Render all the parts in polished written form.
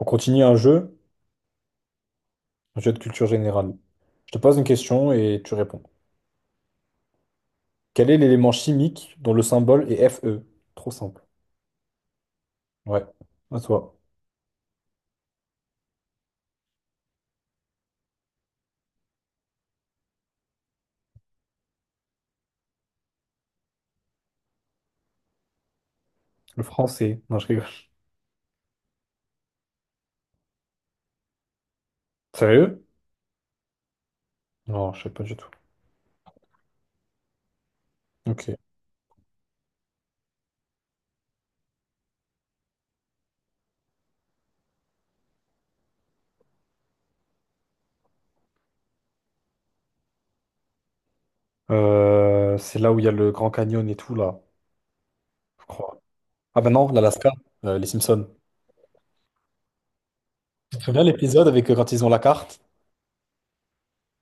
On continue un jeu de culture générale. Je te pose une question et tu réponds. Quel est l'élément chimique dont le symbole est Fe? Trop simple. Ouais, à toi. Le français. Non, je rigole. Sérieux? Non, je sais pas du tout. Ok. C'est là où il y a le Grand Canyon et tout, là, je crois. Ah ben non, l'Alaska, les Simpsons. Tu te souviens l'épisode avec quand ils ont la carte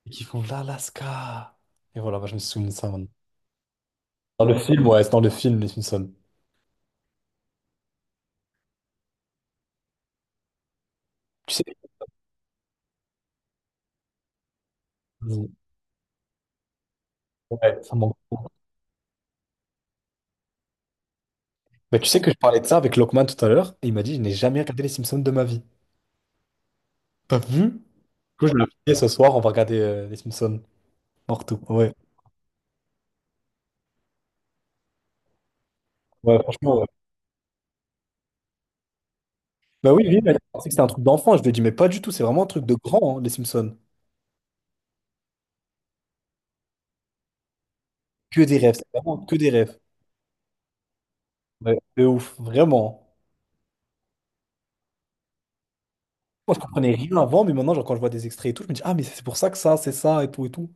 et qu'ils font l'Alaska. Et voilà, bah, je me souviens de ça maintenant. Dans le film, ouais, c'est dans le film, les Simpsons. Tu sais, ouais, ça manque. Mais tu sais que je parlais de ça avec Lokman tout à l'heure, et il m'a dit, je n'ai jamais regardé les Simpsons de ma vie. T'as vu? Du coup, je l'ai fait ce soir, on va regarder les Simpsons. Morto. Ouais. Ouais, franchement, ouais. Bah oui, lui, il a pensé que c'était un truc d'enfant. Je lui ai dit, mais pas du tout, c'est vraiment un truc de grand, hein, les Simpsons. Que des rêves, c'est vraiment que des rêves. Ouais. De ouf, vraiment. Moi, je comprenais rien avant, mais maintenant, genre, quand je vois des extraits et tout, je me dis, ah, mais c'est pour ça que ça, c'est ça, et tout, et tout.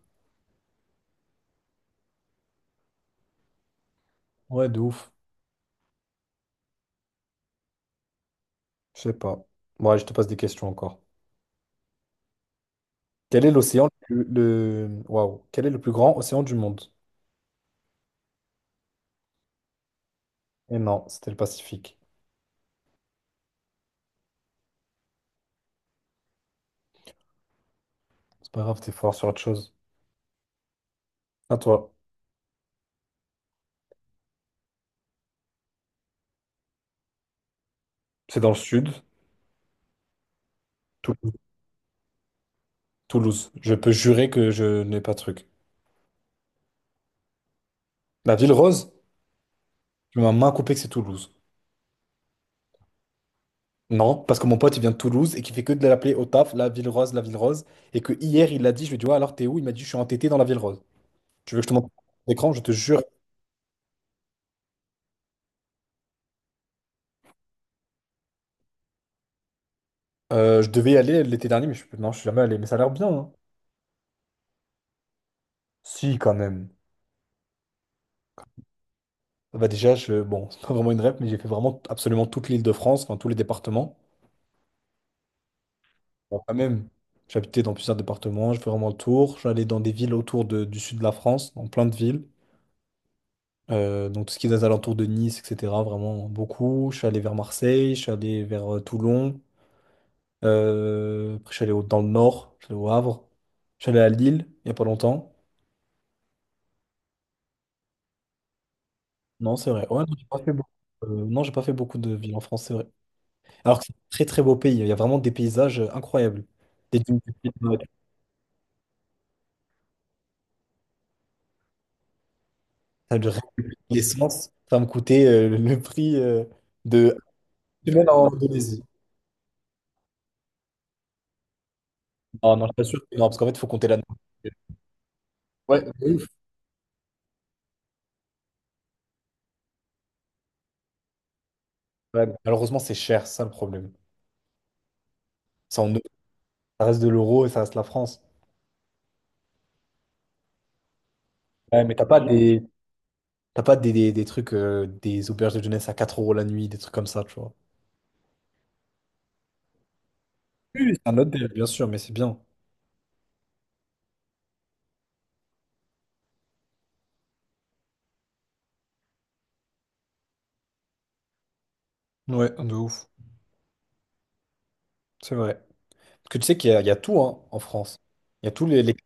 Ouais, de ouf. Je sais pas. Ouais, je te pose des questions encore. Quel est l'océan le... Waouh. Quel est le plus grand océan du monde? Et non, c'était le Pacifique. C'est pas grave, t'es fort sur autre chose. À toi. C'est dans le sud, Toulouse. Toulouse. Je peux jurer que je n'ai pas de truc. La ville rose? Tu m'as main coupée que c'est Toulouse. Non, parce que mon pote, il vient de Toulouse et qui fait que de l'appeler au taf, la ville rose, la ville rose. Et que hier, il l'a dit, je lui ai dit, ouais, alors t'es où? Il m'a dit, je suis entêté dans la ville rose. Tu veux que je te montre l'écran? Je te jure. Je devais y aller l'été dernier, mais non, je suis jamais allé. Mais ça a l'air bien, hein. Si, quand même. Bah déjà, je... bon, c'est pas vraiment une rep, mais j'ai fait vraiment absolument toute l'Île-de-France, enfin tous les départements. Bon, quand même, j'habitais dans plusieurs départements, je fais vraiment le tour. J'allais dans des villes du sud de la France, dans plein de villes. Donc tout ce qui est des alentours de Nice, etc. Vraiment beaucoup. Je suis allé vers Marseille, je suis allé vers Toulon. Après, je suis allé dans le nord, je suis allé au Havre. Je suis allé à Lille, il n'y a pas longtemps. Non, c'est vrai. Ouais, non, j'ai pas fait beaucoup. Non, j'ai pas fait beaucoup de villes en France, c'est vrai. Alors que c'est un très très beau pays, il y a vraiment des paysages incroyables. Des dunes du Piémont, ça a l'essence, ça me coûtait le prix de semaine en Indonésie. Non, non, je t'assure que non, parce qu'en fait, il faut compter la nourriture. Ouais, de ouf. Ouais, malheureusement, c'est cher, c'est ça le problème. Ça, en euro, ça reste de l'euro et ça reste la France. Ouais, mais t'as pas t'as pas des trucs, des auberges de jeunesse à 4 € la nuit, des trucs comme ça, tu vois. Oui, oui, c'est un autre délire, bien sûr, mais c'est bien. Ouais, de ouf. C'est vrai. Parce que tu sais qu'il y a, il y a tout hein, en France. Il y a tous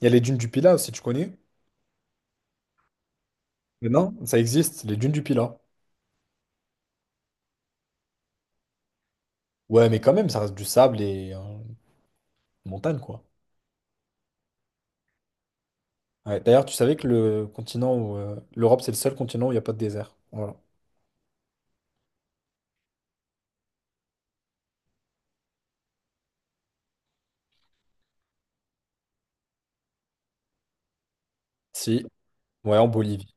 il y a les dunes du Pilat, si tu connais. Mais non, ça existe, les dunes du Pilat. Ouais, mais quand même, ça reste du sable et montagne, quoi. Ouais, d'ailleurs, tu savais que le continent où l'Europe, c'est le seul continent où il n'y a pas de désert. Voilà. Si, ouais, en Bolivie,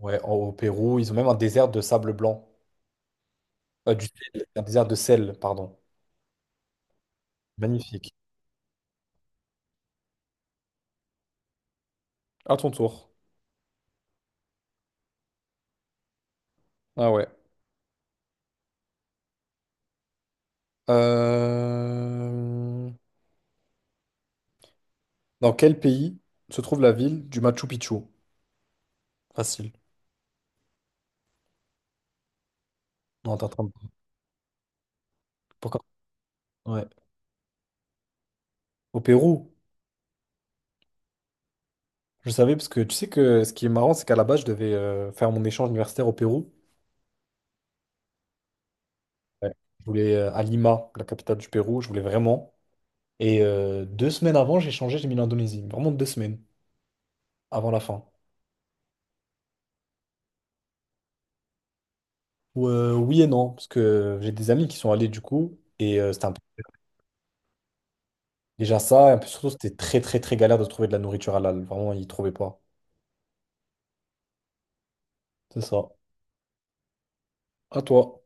ouais, au Pérou, ils ont même un désert de sable blanc. Du sel, un désert de sel, pardon. Magnifique. À ton tour. Ah ouais. Euh, dans quel pays se trouve la ville du Machu Picchu? Facile. Non, t'es en train de- Pourquoi? Ouais. Au Pérou. Je savais parce que tu sais que ce qui est marrant, c'est qu'à la base, je devais faire mon échange universitaire au Pérou. Ouais. Je voulais à Lima, la capitale du Pérou. Je voulais vraiment. Et deux semaines avant, j'ai changé, j'ai mis l'Indonésie. Vraiment deux semaines avant la fin. Ou, oui et non, parce que j'ai des amis qui sont allés du coup. Et c'était un peu déjà ça. Et un peu surtout, c'était très, très, très galère de trouver de la nourriture halal. Vraiment, ils trouvaient pas. C'est ça. À toi.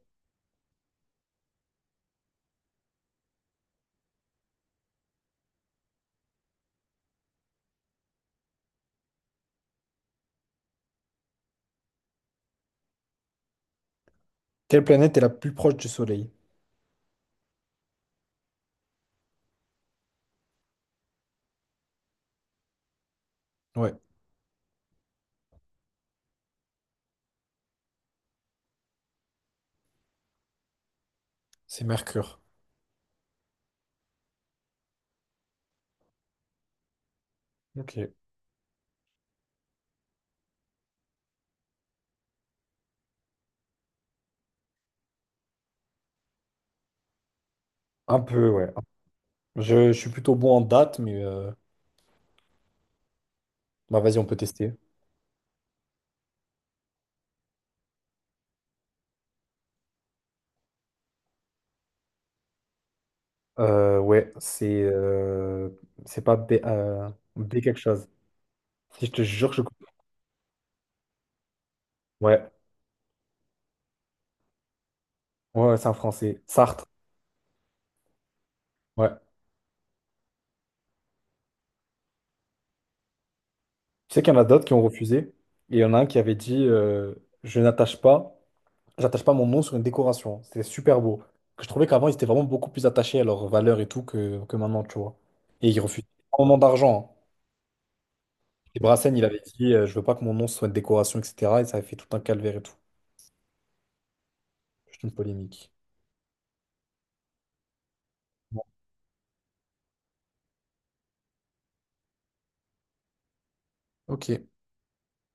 Quelle planète est la plus proche du Soleil? Ouais, c'est Mercure. Ok. Un peu, ouais. Je suis plutôt bon en date, mais bah, vas-y, on peut tester. Euh, ouais, c'est euh, c'est pas B, B quelque chose. Si je te jure, je. Ouais. Ouais, ouais, c'est un Français. Sartre. Ouais. Tu sais qu'il y en a d'autres qui ont refusé. Et il y en a un qui avait dit je n'attache pas, j'attache pas mon nom sur une décoration. C'était super beau. Que je trouvais qu'avant, ils étaient vraiment beaucoup plus attachés à leurs valeurs et tout que maintenant, tu vois. Et ils refusaient énormément d'argent, hein. Et Brassens, il avait dit je veux pas que mon nom soit une décoration, etc. Et ça avait fait tout un calvaire et tout. Juste une polémique. Bon. Ok.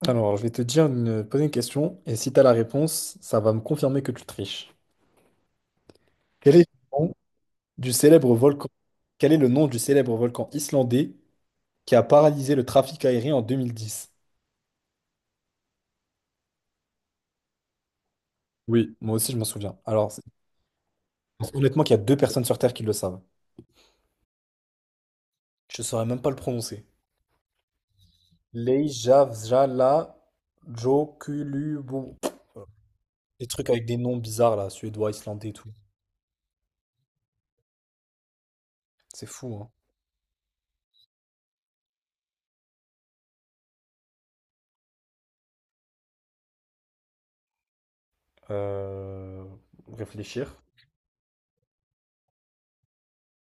Alors, je vais te dire une, poser une question. Et si tu as la réponse, ça va me confirmer que tu triches. Quel est du célèbre volcan. Quel est le nom du célèbre volcan islandais qui a paralysé le trafic aérien en 2010? Oui, moi aussi je m'en souviens. Honnêtement qu'il y a 2 personnes sur Terre qui le savent. Je saurais même pas le prononcer. Leivsfjallajokulubu. Des trucs avec des noms bizarres là, suédois, islandais et tout. C'est fou, hein. Euh, réfléchir.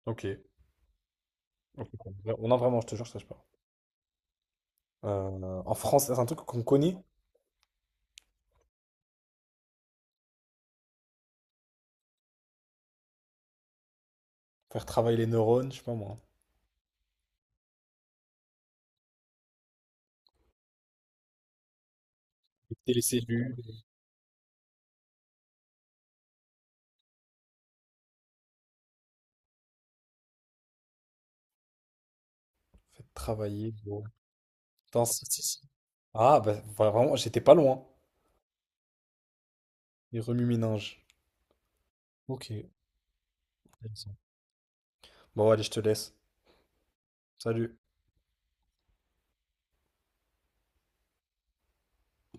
Ok. Ok. On a vraiment, je te jure, je sache pas. En France, c'est un truc qu'on connaît. Faire travailler les neurones, je sais pas moi. Écouter les cellules. Faites travailler vos... Attends, si, si, si. Ah, bah vraiment, j'étais pas loin. Les remue-ménages. Ok, intéressant. Bon, allez, je te laisse. Salut.